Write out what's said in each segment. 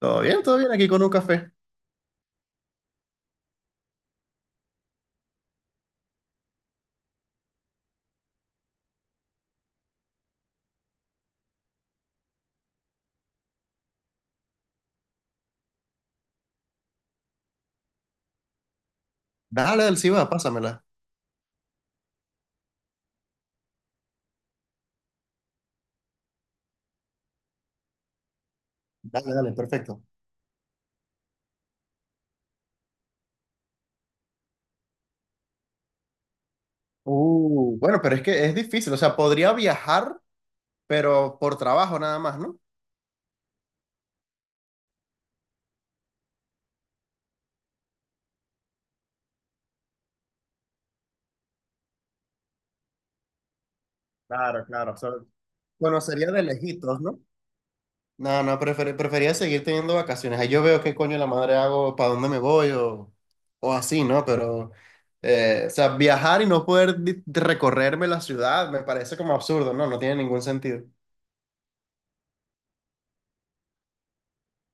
Todo bien aquí con un café. Dale, dale, sí va pásamela. Dale, dale, perfecto. Bueno, pero es que es difícil, o sea, podría viajar, pero por trabajo nada más, ¿no? Claro, claro. O sea, conocería de lejitos, ¿no? No, no, prefería seguir teniendo vacaciones. Ahí yo veo qué coño la madre hago, para dónde me voy o así, ¿no? Pero, o sea, viajar y no poder recorrerme la ciudad me parece como absurdo, ¿no? No tiene ningún sentido.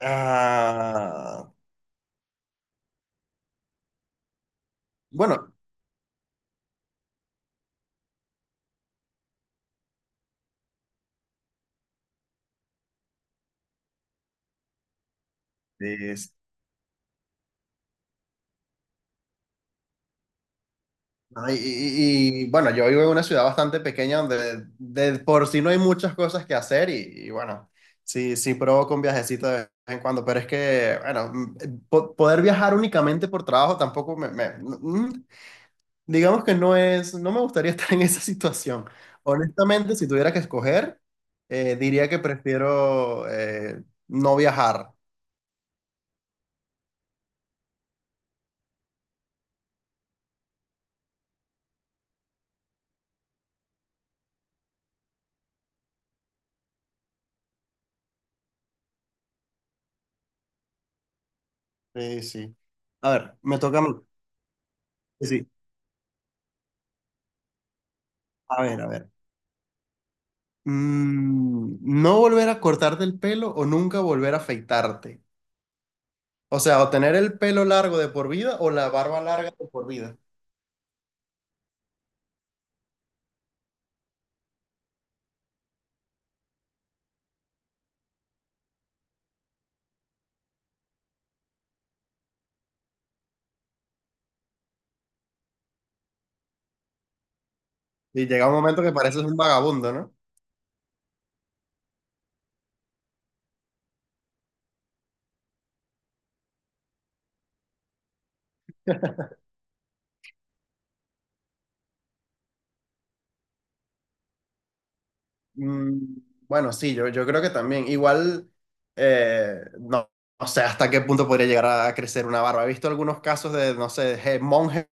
Ah, bueno. ¿No? Y, bueno, yo vivo en una ciudad bastante pequeña donde de por sí no hay muchas cosas que hacer y, bueno, sí, sí provoco un viajecito de vez en cuando, pero es que, bueno, poder viajar únicamente por trabajo tampoco me- mm, digamos que no es, no me gustaría estar en esa situación. Honestamente, si tuviera que escoger, diría que prefiero no viajar. Sí, sí. A ver, me toca a mí. Sí, sí. A ver, a ver. No volver a cortarte el pelo o nunca volver a afeitarte. O sea, o tener el pelo largo de por vida o la barba larga de por vida. Y llega un momento que pareces un vagabundo, ¿no? Mm, bueno, sí, yo creo que también. Igual, no, no sé hasta qué punto podría llegar a crecer una barba. He visto algunos casos de, no sé, monjes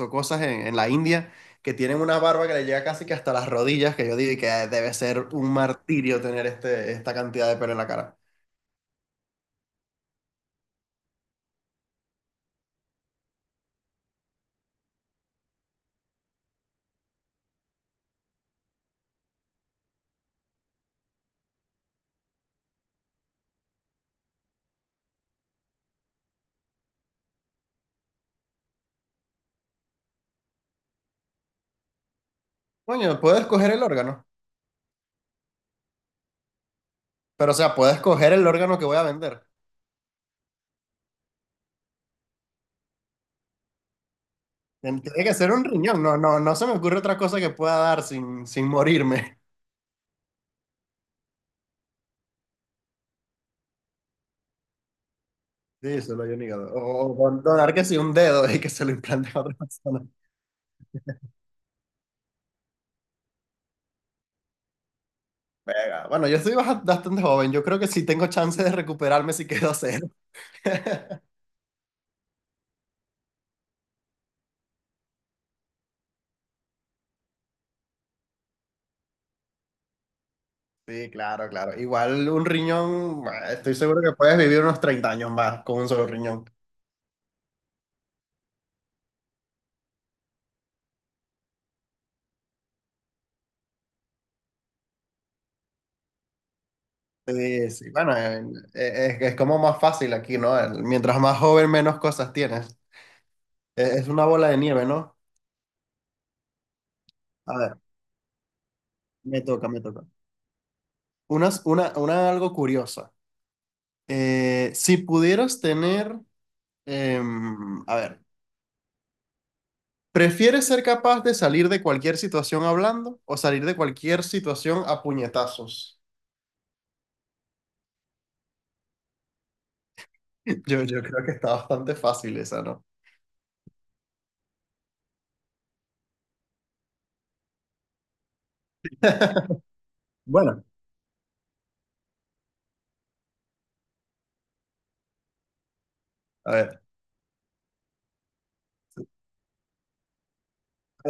o cosas en la India que tienen una barba que le llega casi que hasta las rodillas, que yo digo que debe ser un martirio tener esta cantidad de pelo en la cara. Coño, puedo escoger el órgano, pero o sea, puedo escoger el órgano que voy a vender. Tiene que ser un riñón, no, no, no se me ocurre otra cosa que pueda dar sin morirme. Sí, solo hay un hígado. O donar que sí un dedo y que se lo implante a otra persona. Pega. Bueno, yo estoy bastante joven, yo creo que sí tengo chance de recuperarme si quedo cero. Sí, claro, claro. Igual un riñón, bueno, estoy seguro que puedes vivir unos 30 años más con un solo riñón. Sí, sí, bueno, es como más fácil aquí, ¿no? Mientras más joven, menos cosas tienes. Es una bola de nieve, ¿no? A ver, me toca, me toca. Una, algo curiosa. Si pudieras tener, a ver, ¿prefieres ser capaz de salir de cualquier situación hablando o salir de cualquier situación a puñetazos? Yo creo que está bastante fácil esa, ¿no? Bueno, a ver,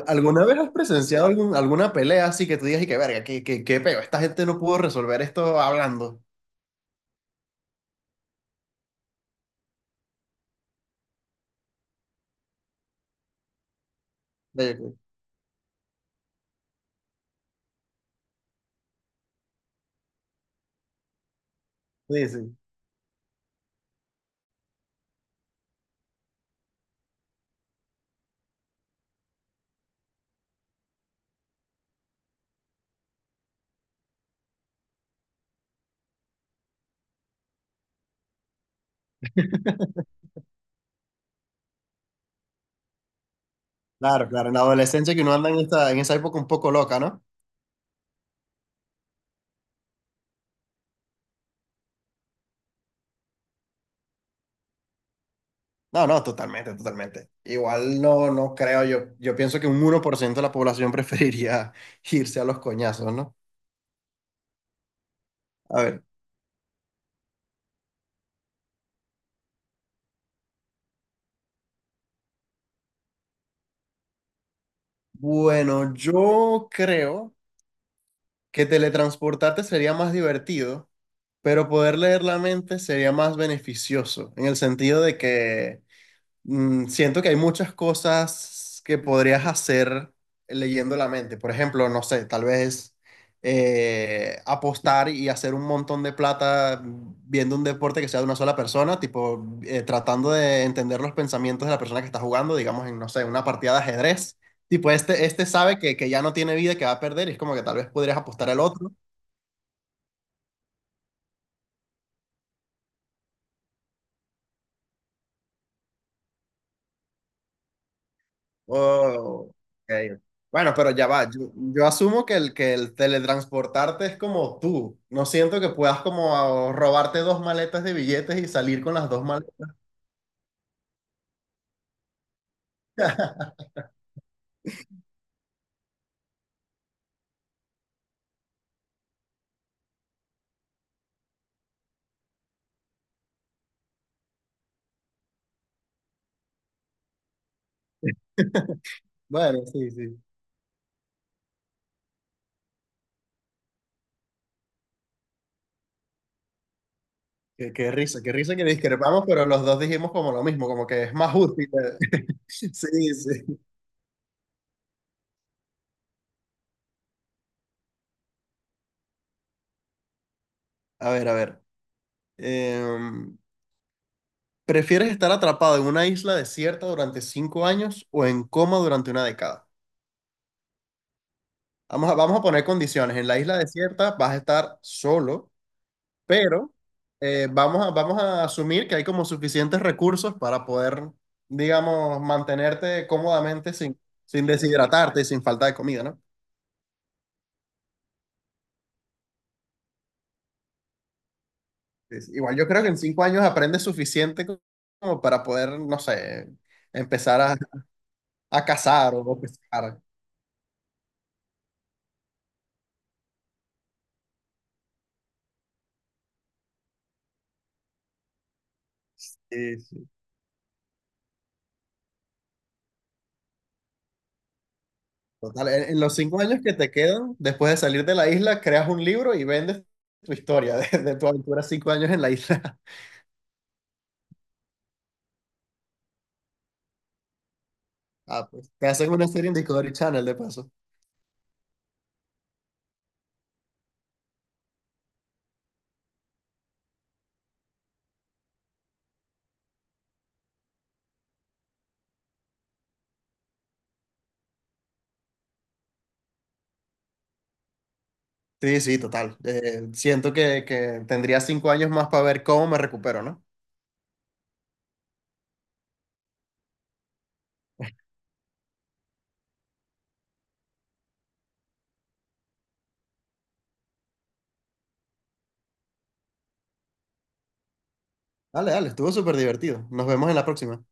¿alguna vez has presenciado alguna pelea así que tú digas y que verga, qué peo? Esta gente no pudo resolver esto hablando. Sí, sí. Claro, claro, en la adolescencia que uno anda en esa época un poco loca, ¿no? No, no, totalmente, totalmente. Igual no creo, yo pienso que un 1% de la población preferiría irse a los coñazos, ¿no? A ver, bueno, yo creo que teletransportarte sería más divertido, pero poder leer la mente sería más beneficioso, en el sentido de que siento que hay muchas cosas que podrías hacer leyendo la mente. Por ejemplo, no sé, tal vez apostar y hacer un montón de plata viendo un deporte que sea de una sola persona, tipo tratando de entender los pensamientos de la persona que está jugando, digamos, en, no sé, una partida de ajedrez. Tipo, este sabe que ya no tiene vida, que va a perder, y es como que tal vez podrías apostar al otro. Oh, ok. Bueno, pero ya va. Yo asumo que que el teletransportarte es como tú. No siento que puedas como robarte dos maletas de billetes y salir con las dos maletas. Bueno, sí, sí. Qué risa, qué risa que discrepamos, pero los dos dijimos como lo mismo, como que es más útil. Sí, sí. A ver, a ver. Em, ¿Prefieres estar atrapado en una isla desierta durante 5 años o en coma durante una década? Vamos a poner condiciones. En la isla desierta vas a estar solo, pero vamos a asumir que hay como suficientes recursos para poder, digamos, mantenerte cómodamente sin deshidratarte y sin falta de comida, ¿no? Igual yo creo que en 5 años aprendes suficiente como para poder, no sé, empezar a cazar o pescar. Sí, sí. Total, en los 5 años que te quedan, después de salir de la isla, creas un libro y vendes tu historia de tu aventura 5 años en la isla. Ah, pues te hacen una serie en Discovery Channel de paso. Sí, sí, total. Siento que tendría 5 años más para ver cómo me recupero, ¿no? Dale, dale, estuvo súper divertido. Nos vemos en la próxima.